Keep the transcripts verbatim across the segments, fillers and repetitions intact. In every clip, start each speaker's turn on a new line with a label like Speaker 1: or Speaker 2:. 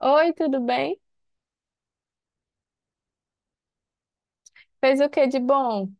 Speaker 1: Oi, tudo bem? Fez o que de bom?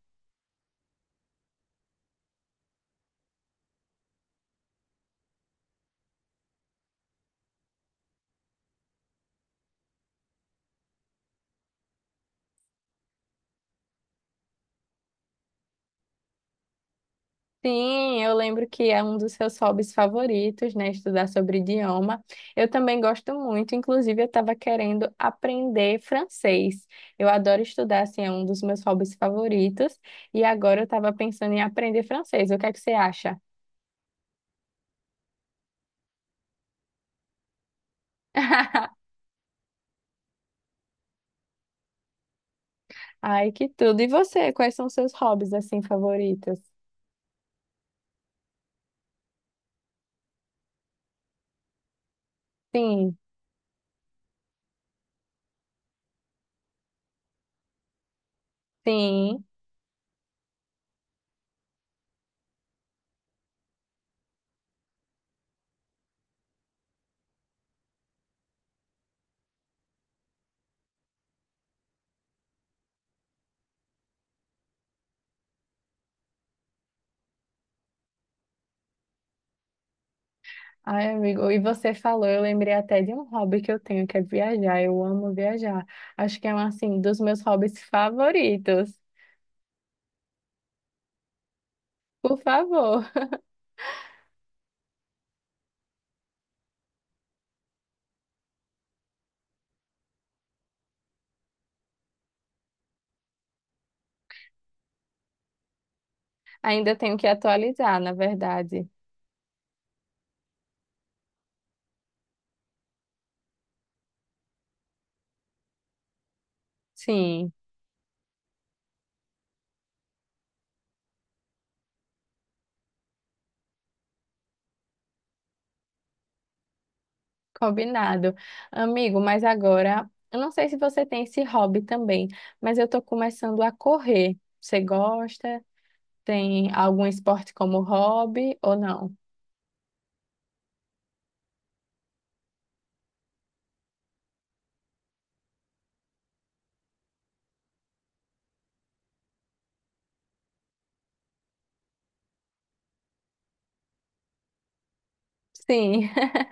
Speaker 1: Sim, eu lembro que é um dos seus hobbies favoritos, né? Estudar sobre idioma. Eu também gosto muito, inclusive eu estava querendo aprender francês. Eu adoro estudar, assim, é um dos meus hobbies favoritos. E agora eu estava pensando em aprender francês. O que é que você acha? Ai, que tudo. E você, quais são seus hobbies, assim, favoritos? Sim, sim. Ai, amigo, e você falou, eu lembrei até de um hobby que eu tenho, que é viajar. Eu amo viajar. Acho que é um, assim, dos meus hobbies favoritos. Por favor. Ainda tenho que atualizar, na verdade. Sim, combinado. Amigo, mas agora, eu não sei se você tem esse hobby também, mas eu tô começando a correr. Você gosta? Tem algum esporte como hobby ou não? Sim.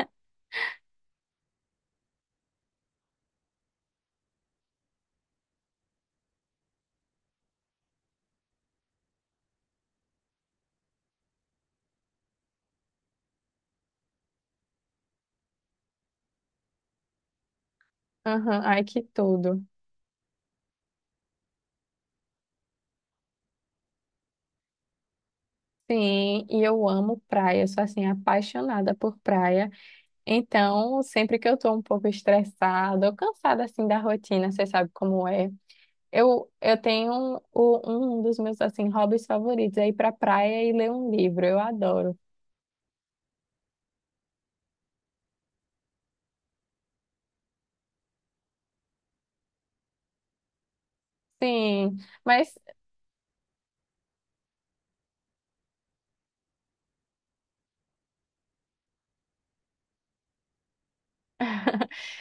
Speaker 1: Aham, ai, que tudo. Sim, e eu amo praia, eu sou assim apaixonada por praia. Então, sempre que eu tô um pouco estressada ou cansada assim da rotina, você sabe como é. Eu, eu tenho um, o- um dos meus assim hobbies favoritos é ir pra praia e ler um livro. Eu adoro. Sim, mas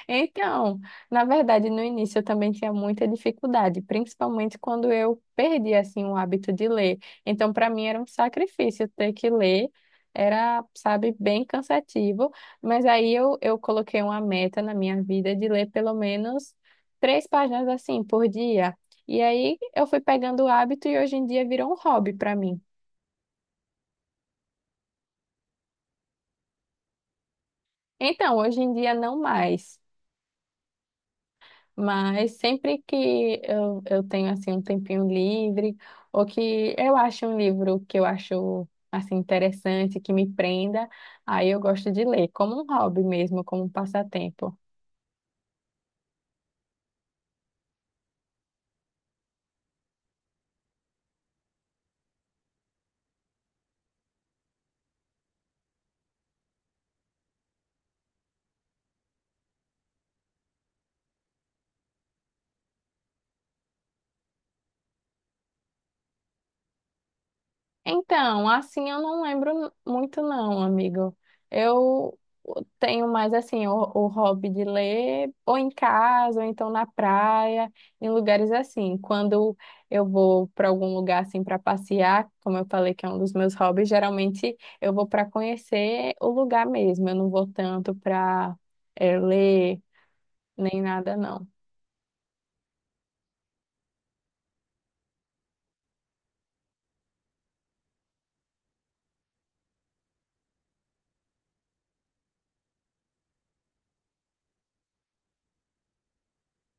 Speaker 1: então, na verdade, no início eu também tinha muita dificuldade, principalmente quando eu perdi assim o hábito de ler. Então, para mim era um sacrifício ter que ler, era, sabe, bem cansativo, mas aí eu, eu coloquei uma meta na minha vida de ler pelo menos três páginas assim por dia. E aí eu fui pegando o hábito e hoje em dia virou um hobby para mim. Então, hoje em dia não mais. Mas sempre que eu, eu tenho assim um tempinho livre, ou que eu acho um livro que eu acho assim interessante, que me prenda, aí eu gosto de ler, como um hobby mesmo, como um passatempo. Então, assim eu não lembro muito não, amigo. Eu tenho mais assim o, o hobby de ler, ou em casa, ou então na praia, em lugares assim. Quando eu vou para algum lugar assim para passear, como eu falei que é um dos meus hobbies, geralmente eu vou para conhecer o lugar mesmo. Eu não vou tanto para ler nem nada não.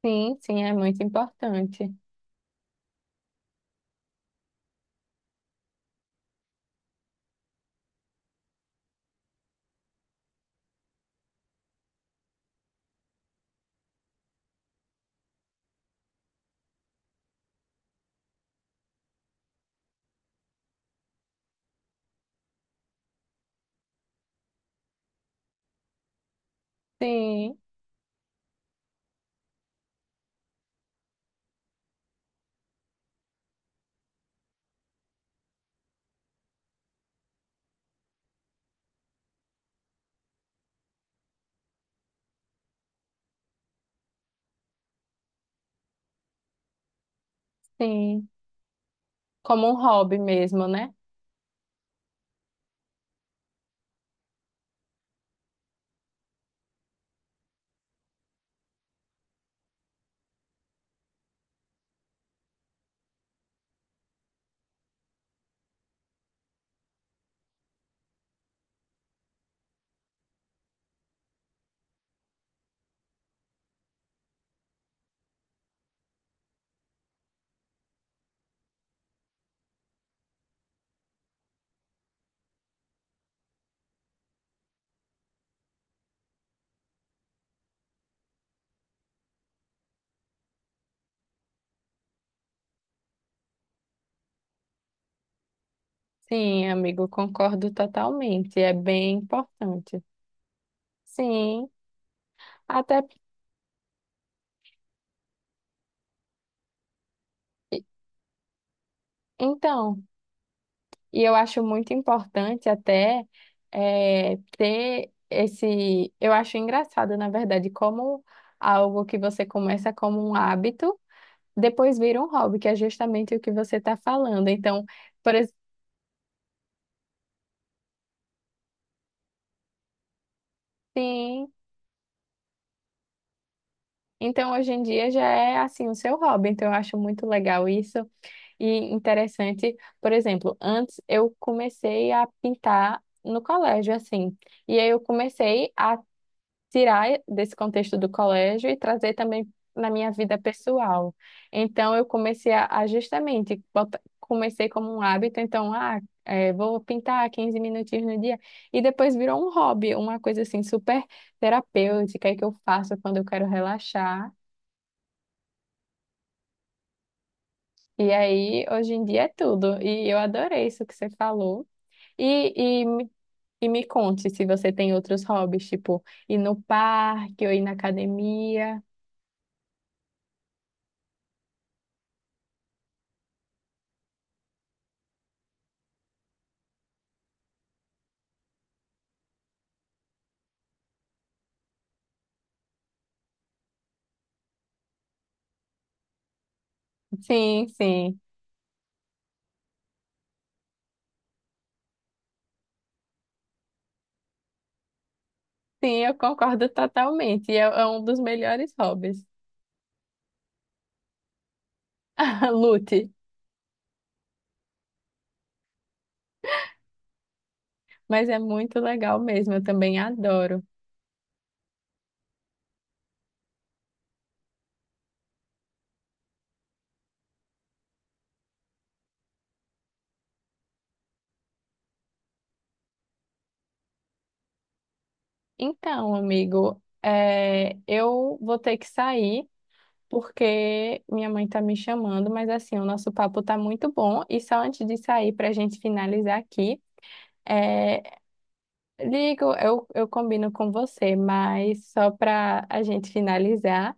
Speaker 1: Sim, sim, é muito importante. Sim, sim. Como um hobby mesmo, né? Sim, amigo, concordo totalmente. É bem importante. Sim, até porque- então, e eu acho muito importante até eh, ter esse. Eu acho engraçado, na verdade, como algo que você começa como um hábito, depois vira um hobby, que é justamente o que você está falando. Então, por exemplo, sim, então hoje em dia já é assim o seu hobby. Então, eu acho muito legal isso. E interessante, por exemplo, antes eu comecei a pintar no colégio, assim. E aí eu comecei a tirar desse contexto do colégio e trazer também na minha vida pessoal. Então eu comecei a, a justamente, bota- comecei como um hábito, então, ah, é, vou pintar quinze minutinhos no dia. E depois virou um hobby, uma coisa assim super terapêutica e que eu faço quando eu quero relaxar. E aí, hoje em dia é tudo. E eu adorei isso que você falou. E, e, me- e me conte se você tem outros hobbies, tipo ir no parque ou ir na academia. Sim, sim. Sim, eu concordo totalmente. E é, é um dos melhores hobbies. Lute. Mas é muito legal mesmo, eu também adoro. Então, amigo, é, eu vou ter que sair porque minha mãe tá me chamando, mas assim, o nosso papo tá muito bom. E só antes de sair, para a gente finalizar aqui. É, ligo, eu, eu combino com você, mas só para a gente finalizar,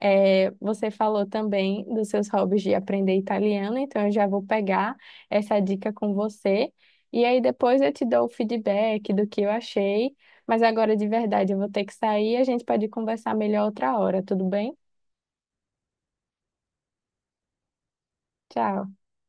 Speaker 1: é, você falou também dos seus hobbies de aprender italiano, então eu já vou pegar essa dica com você. E aí depois eu te dou o feedback do que eu achei, mas agora de verdade eu vou ter que sair, a gente pode conversar melhor outra hora, tudo bem? Tchau.